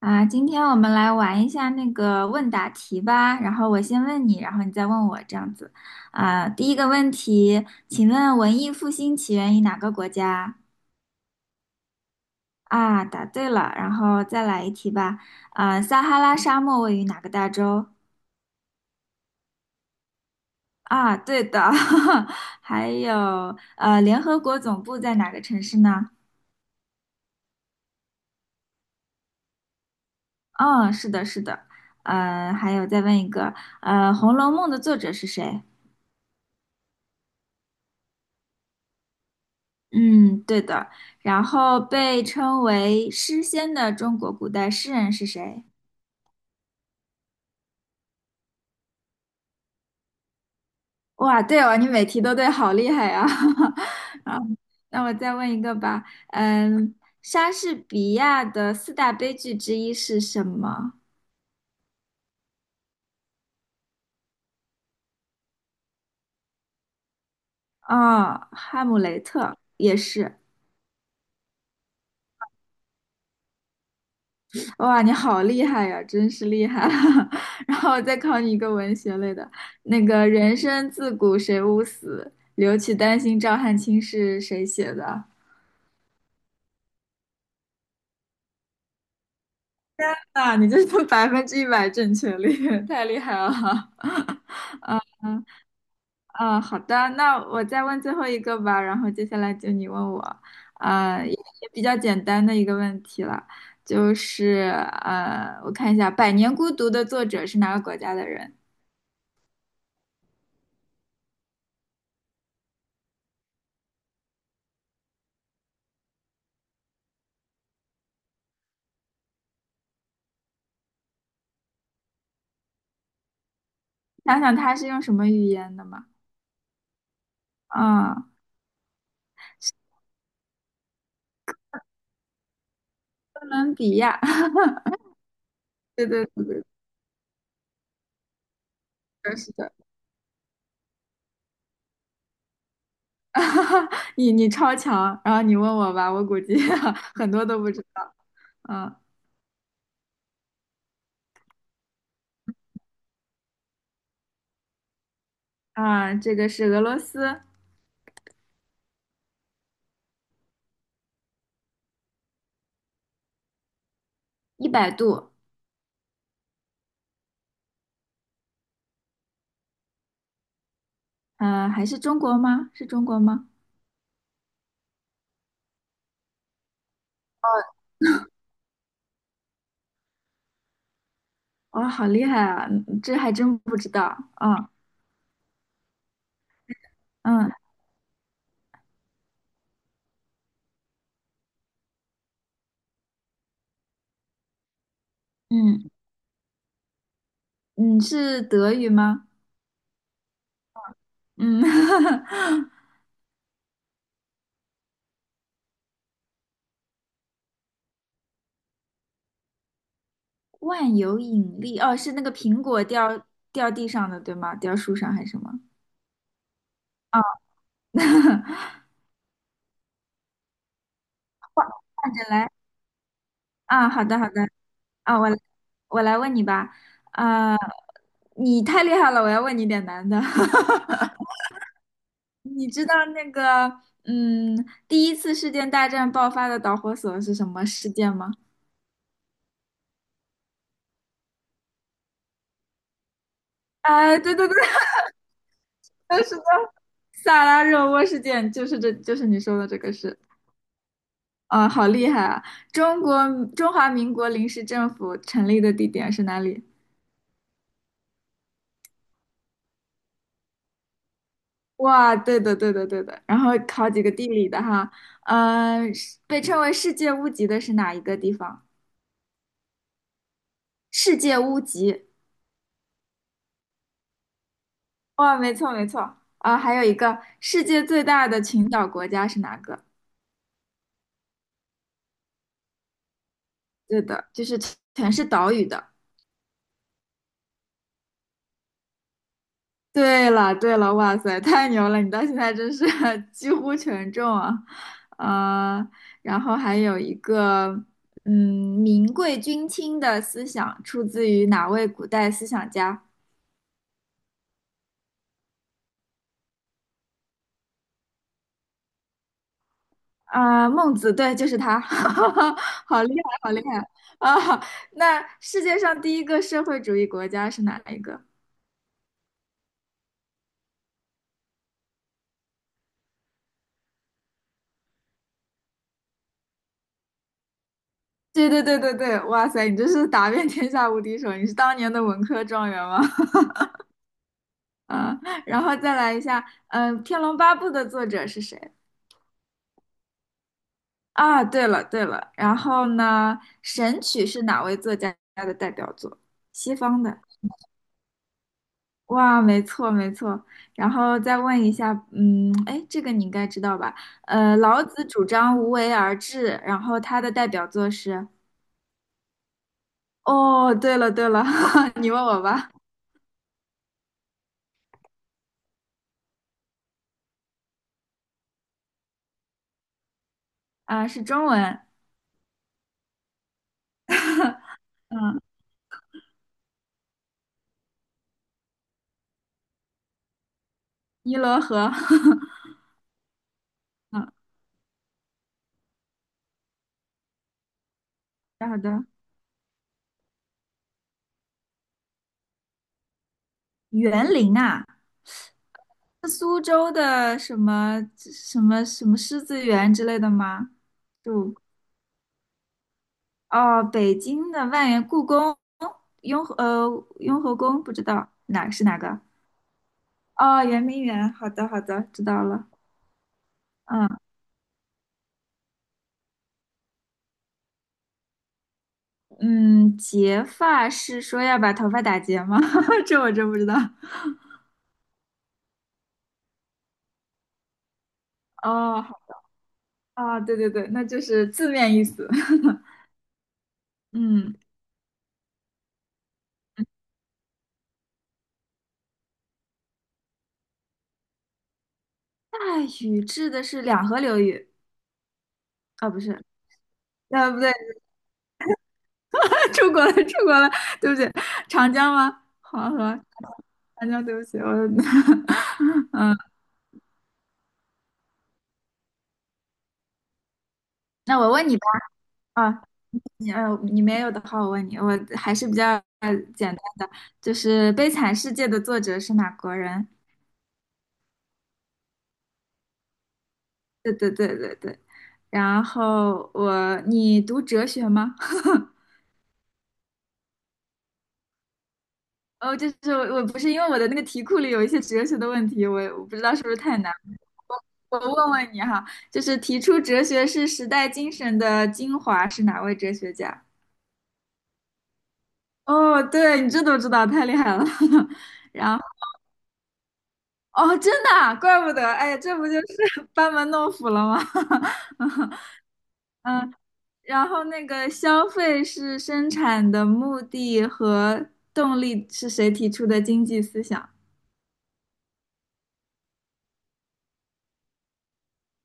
啊，今天我们来玩一下那个问答题吧。然后我先问你，然后你再问我，这样子。啊，第一个问题，请问文艺复兴起源于哪个国家？啊，答对了。然后再来一题吧。啊，撒哈拉沙漠位于哪个大洲？啊，对的。还有，联合国总部在哪个城市呢？嗯，是的，是的。还有再问一个，《红楼梦》的作者是谁？嗯，对的。然后被称为诗仙的中国古代诗人是谁？哇，对哦，你每题都对，好厉害啊！那我再问一个吧，嗯，莎士比亚的四大悲剧之一是什么？啊、哈姆雷特也是。哇，你好厉害呀、真是厉害！然后我再考你一个文学类的，那个"人生自古谁无死，留取丹心照汗青"是谁写的？那你这是100%正确率，太厉害了。啊，好的，那我再问最后一个吧，然后接下来就你问我，啊，也比较简单的一个问题了，就是我看一下《百年孤独》的作者是哪个国家的人？想想他是用什么语言的嘛？啊、哥伦比亚，对对，是的，是的 你超强，然后你问我吧，我估计 很多都不知道，嗯啊，这个是俄罗斯。100度，还是中国吗？是中国吗？哇、好厉害啊！嗯这还真不知道。啊，嗯嗯嗯，是德语吗？嗯，万有引力，哦，是那个苹果掉地上的，对吗？掉树上还是什么？啊，换着来啊，好的好的啊，我来问你吧。啊，你太厉害了，我要问你点难的。你知道那个嗯，第一次世界大战爆发的导火索是什么事件吗？哎，对对对，是的，萨拉热窝事件就是这，就是你说的这个事。啊，好厉害啊！中国中华民国临时政府成立的地点是哪里？哇，对的，对的，对的。然后考几个地理的哈，是被称为世界屋脊的是哪一个地方？世界屋脊。哇，没错，没错。啊，还有一个世界最大的群岛国家是哪个？对的，就是全是岛屿的。对了，对了，哇塞，太牛了！你到现在真是 几乎全中啊，呃，然后还有一个，民贵君轻的思想出自于哪位古代思想家？啊、孟子，对，就是他，好厉害，好厉害啊！那世界上第一个社会主义国家是哪一个？对对对对对，哇塞，你这是打遍天下无敌手，你是当年的文科状元吗？嗯，然后再来一下，《天龙八部》的作者是谁？啊，对了对了，然后呢，《神曲》是哪位作家的代表作？西方的。哇，没错没错。然后再问一下，哎，这个你应该知道吧？老子主张无为而治，然后他的代表作是……哦，对了对了，你问我吧。啊，是中文。嗯，《尼罗河》嗯，好的。园林啊，苏州的什么什么什么狮子园之类的吗？就哦，北京的万源故宫、雍和宫，不知道哪是哪个？哦，圆明园。好的，好的，知道了。嗯嗯，结发是说要把头发打结吗？这我真不知道。哦，好啊，对对对，那就是字面意思。嗯，大禹治的是两河流域，啊，不是，不对。出国了，出国了，对不起，长江吗？黄河，长江，对不起，我。那我问你吧，啊，你没有的话，我问你，我还是比较简单的，就是《悲惨世界》的作者是哪国人？对对对对对。然后我，你读哲学吗？哦，就是我不是因为我的那个题库里有一些哲学的问题，我不知道是不是太难。我问问你哈，就是提出哲学是时代精神的精华是哪位哲学家？哦，对，你这都知道，太厉害了。然后，哦，真的啊怪不得，哎，这不就是 班门弄斧了吗？嗯，然后那个消费是生产的目的和动力是谁提出的经济思想？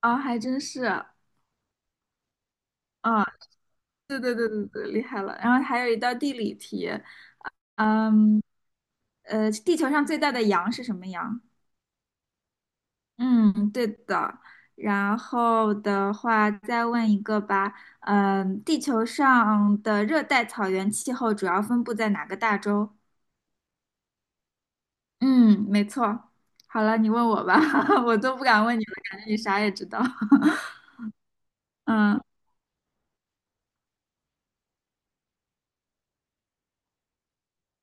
啊、还真是，啊，对对对对对，厉害了。然后还有一道地理题，地球上最大的羊是什么羊？嗯，对的。然后的话，再问一个吧。地球上的热带草原气候主要分布在哪个大洲？嗯，没错。好了，你问我吧，我都不敢问你了，感觉你啥也知道。嗯，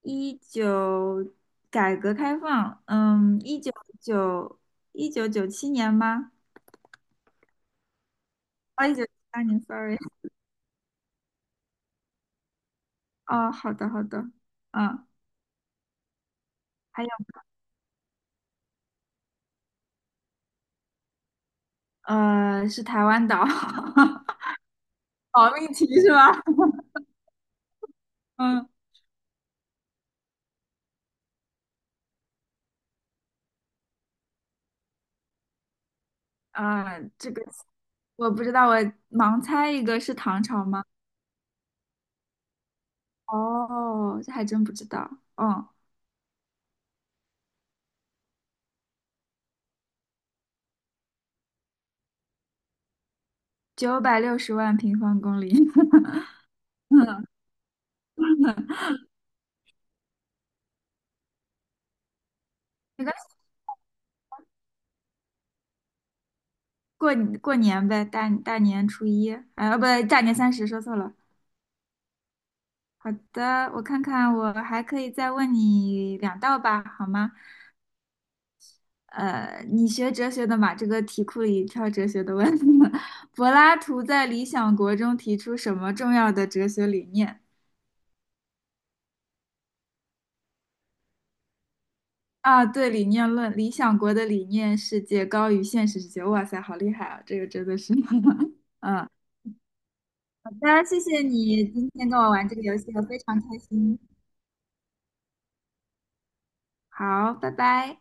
一九改革开放，嗯，九1997年吗？啊，1978年，sorry。哦，好的，好的。嗯，还有，是台湾岛，保命题是吧？嗯，啊，这个我不知道，我盲猜一个是唐朝吗？哦，这还真不知道。哦，960万平方公里。嗯，没关系，过过年呗，大年初一，啊，哦不，对，大年三十，说错了。好的，我看看，我还可以再问你两道吧，好吗？你学哲学的嘛，这个题库里挑哲学的问。柏拉图在《理想国》中提出什么重要的哲学理念？啊，对，理念论，理想国的理念世界高于现实世界。哇塞，好厉害啊！这个真的是，嗯，好的，谢谢你今天跟我玩这个游戏，我非常开心。好，拜拜。